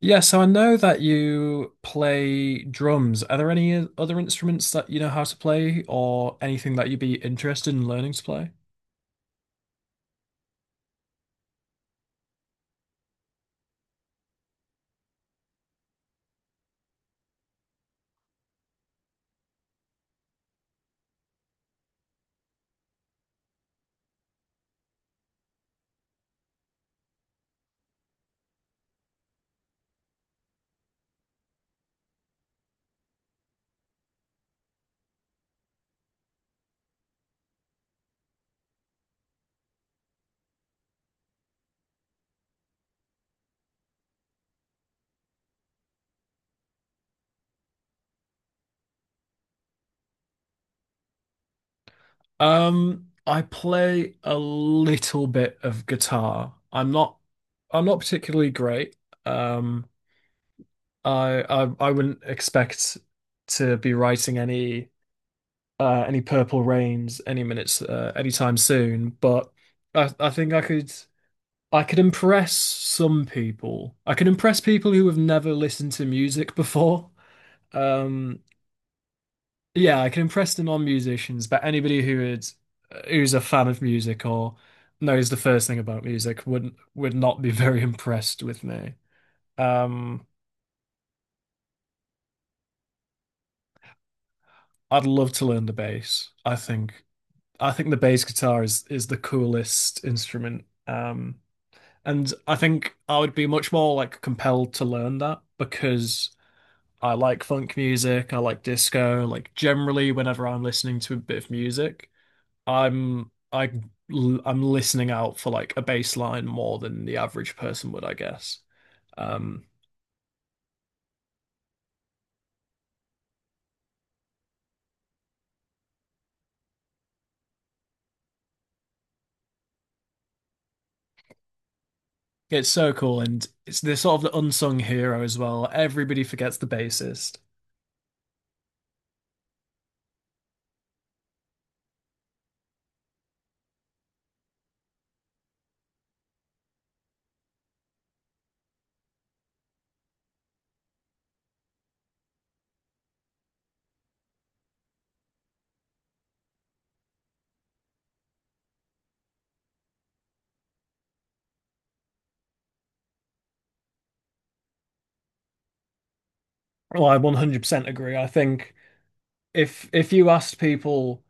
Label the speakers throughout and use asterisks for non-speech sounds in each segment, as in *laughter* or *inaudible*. Speaker 1: Yeah, so I know that you play drums. Are there any other instruments that you know how to play or anything that you'd be interested in learning to play? I play a little bit of guitar. I'm not particularly great. Um, I wouldn't expect to be writing any Purple Rains any minutes anytime soon, but I think I could impress some people. I can impress people who have never listened to music before. Um, yeah, I can impress the non-musicians, but anybody who is who's a fan of music or knows the first thing about music would not be *laughs* very impressed with me. Um, I'd love to learn the bass. I think the bass guitar is the coolest instrument. And I think I would be much more like compelled to learn that because. I like funk music, I like disco, like generally whenever I'm listening to a bit of music, I'm I I'm listening out for like a bass line more than the average person would, I guess. Um it's so cool and it's they're sort of the unsung hero as well. Everybody forgets the bassist. Well, I 100% agree. I think if you asked people,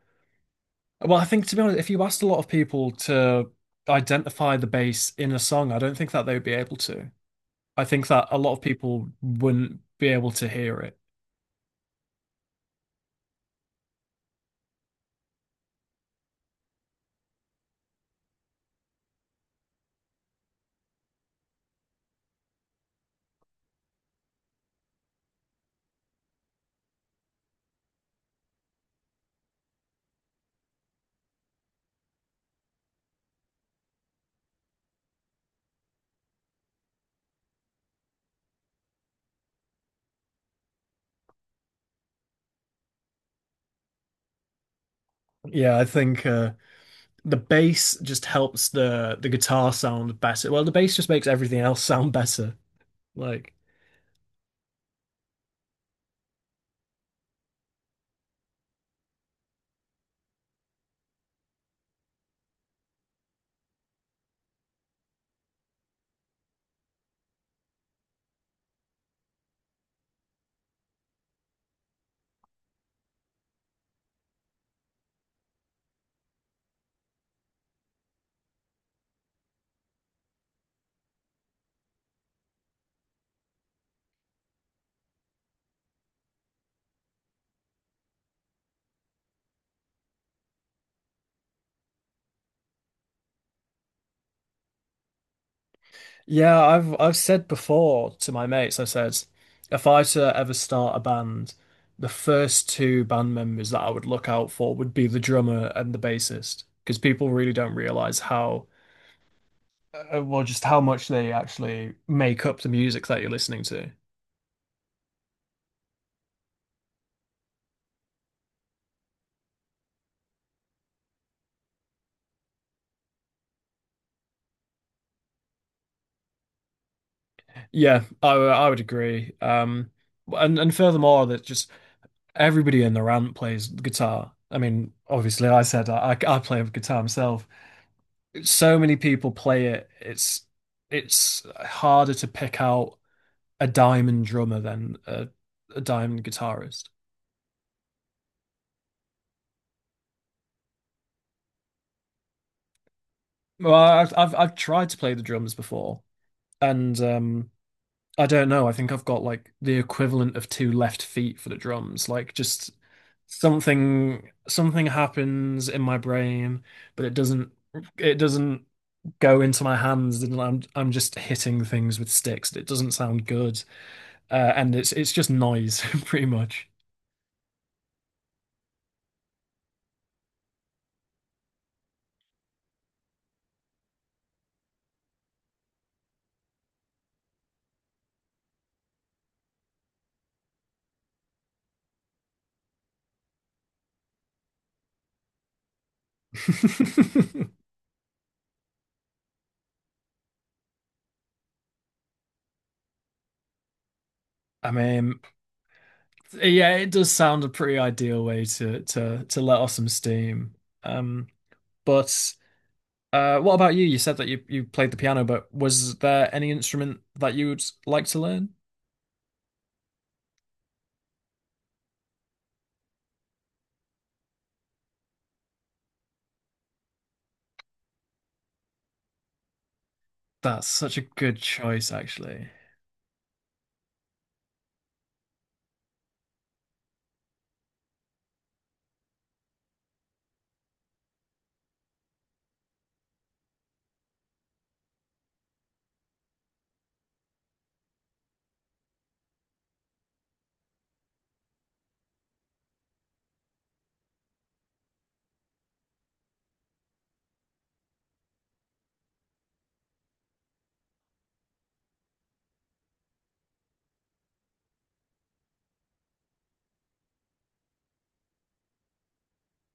Speaker 1: well, I think to be honest, if you asked a lot of people to identify the bass in a song, I don't think that they would be able to. I think that a lot of people wouldn't be able to hear it. Yeah, I think the bass just helps the guitar sound better. Well, the bass just makes everything else *laughs* sound better. Like, yeah, I've said before to my mates, I said, if I were to ever start a band, the first two band members that I would look out for would be the drummer and the bassist, because people really don't realize how, well, just how much they actually make up the music that you're listening to. I would agree. And furthermore, that just everybody in the band plays guitar. I mean, obviously, I said I play guitar myself. So many people play it. It's harder to pick out a diamond drummer than a diamond guitarist. Well, I've tried to play the drums before, and I don't know. I think I've got like the equivalent of two left feet for the drums. Like just something happens in my brain, but it doesn't go into my hands and I'm just hitting things with sticks. It doesn't sound good. And it's just noise *laughs* pretty much. *laughs* I mean, yeah, it does sound a pretty ideal way to to let off some steam. Um, but what about you? You said that you played the piano, but was there any instrument that you would like to learn? That's such a good choice, actually.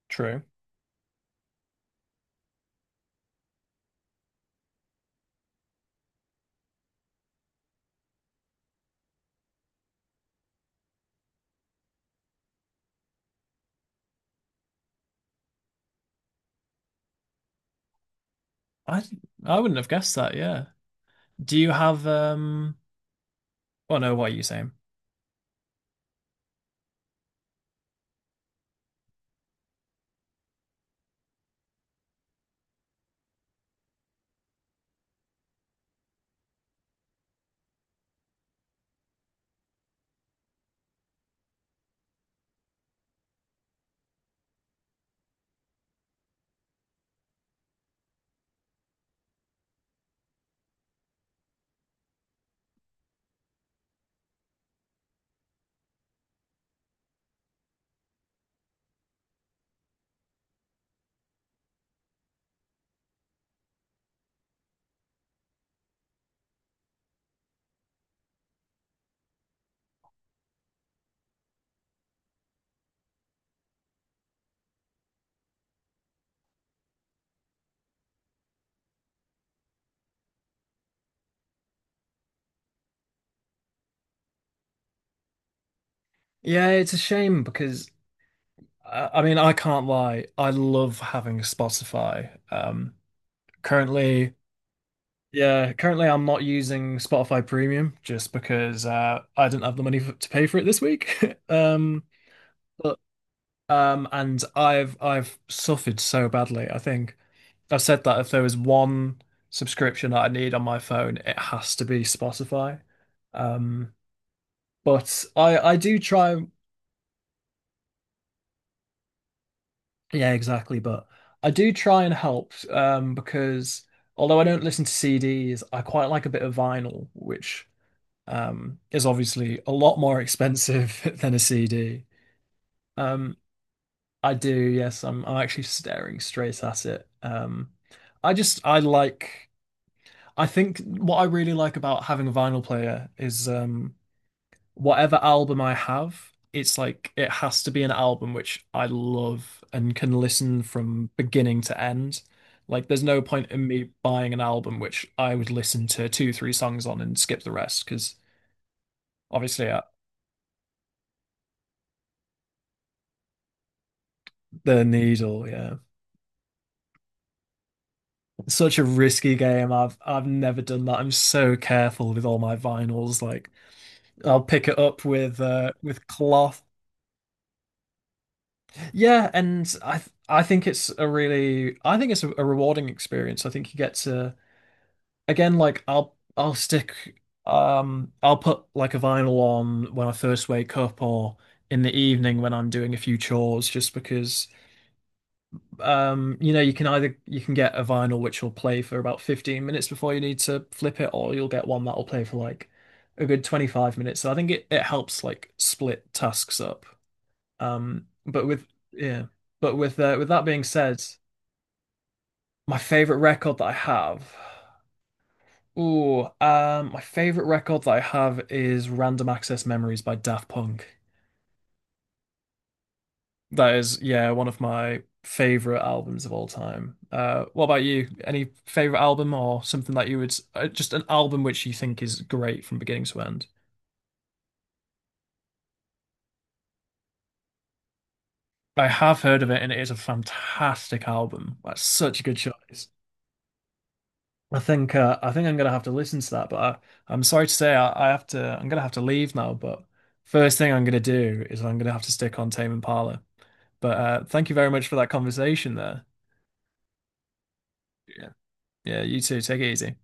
Speaker 1: True. I I wouldn't have guessed that, yeah. Do you have oh no, what are you saying? Yeah, it's a shame because I mean I can't lie. I love having Spotify. Currently Yeah, currently I'm not using Spotify Premium just because I didn't have the money to pay for it this week. *laughs* Um, but and I've suffered so badly. I think I've said that if there was one subscription that I need on my phone, it has to be Spotify. Um, but yeah, exactly. But I do try and help because although I don't listen to CDs, I quite like a bit of vinyl, which is obviously a lot more expensive *laughs* than a CD. Um, I do, yes, I'm actually staring straight at it. I just I like I think what I really like about having a vinyl player is whatever album I have, it's like it has to be an album which I love and can listen from beginning to end. Like there's no point in me buying an album which I would listen to two, three songs on and skip the rest because obviously the needle, yeah. Such a risky game. I've never done that. I'm so careful with all my vinyls. Like I'll pick it up with cloth. Yeah, and I think it's a really I think it's a rewarding experience. I think you get to again like I'll stick I'll put like a vinyl on when I first wake up or in the evening when I'm doing a few chores just because you know, you can either you can get a vinyl which will play for about 15 minutes before you need to flip it, or you'll get one that'll play for like a good 25 minutes. So I think it helps like split tasks up. But with yeah, but with that being said, my favorite record that I have, ooh, my favorite record that I have is Random Access Memories by Daft Punk. That is, yeah, one of my favorite albums of all time. What about you? Any favorite album or something that you would just an album which you think is great from beginning to end? I have heard of it, and it is a fantastic album. That's such a good choice. I think I'm gonna have to listen to that, but I'm sorry to say I have to. I'm gonna have to leave now. But first thing I'm gonna do is I'm gonna have to stick on Tame Impala. But thank you very much for that conversation there. Yeah. Yeah, you too. Take it easy.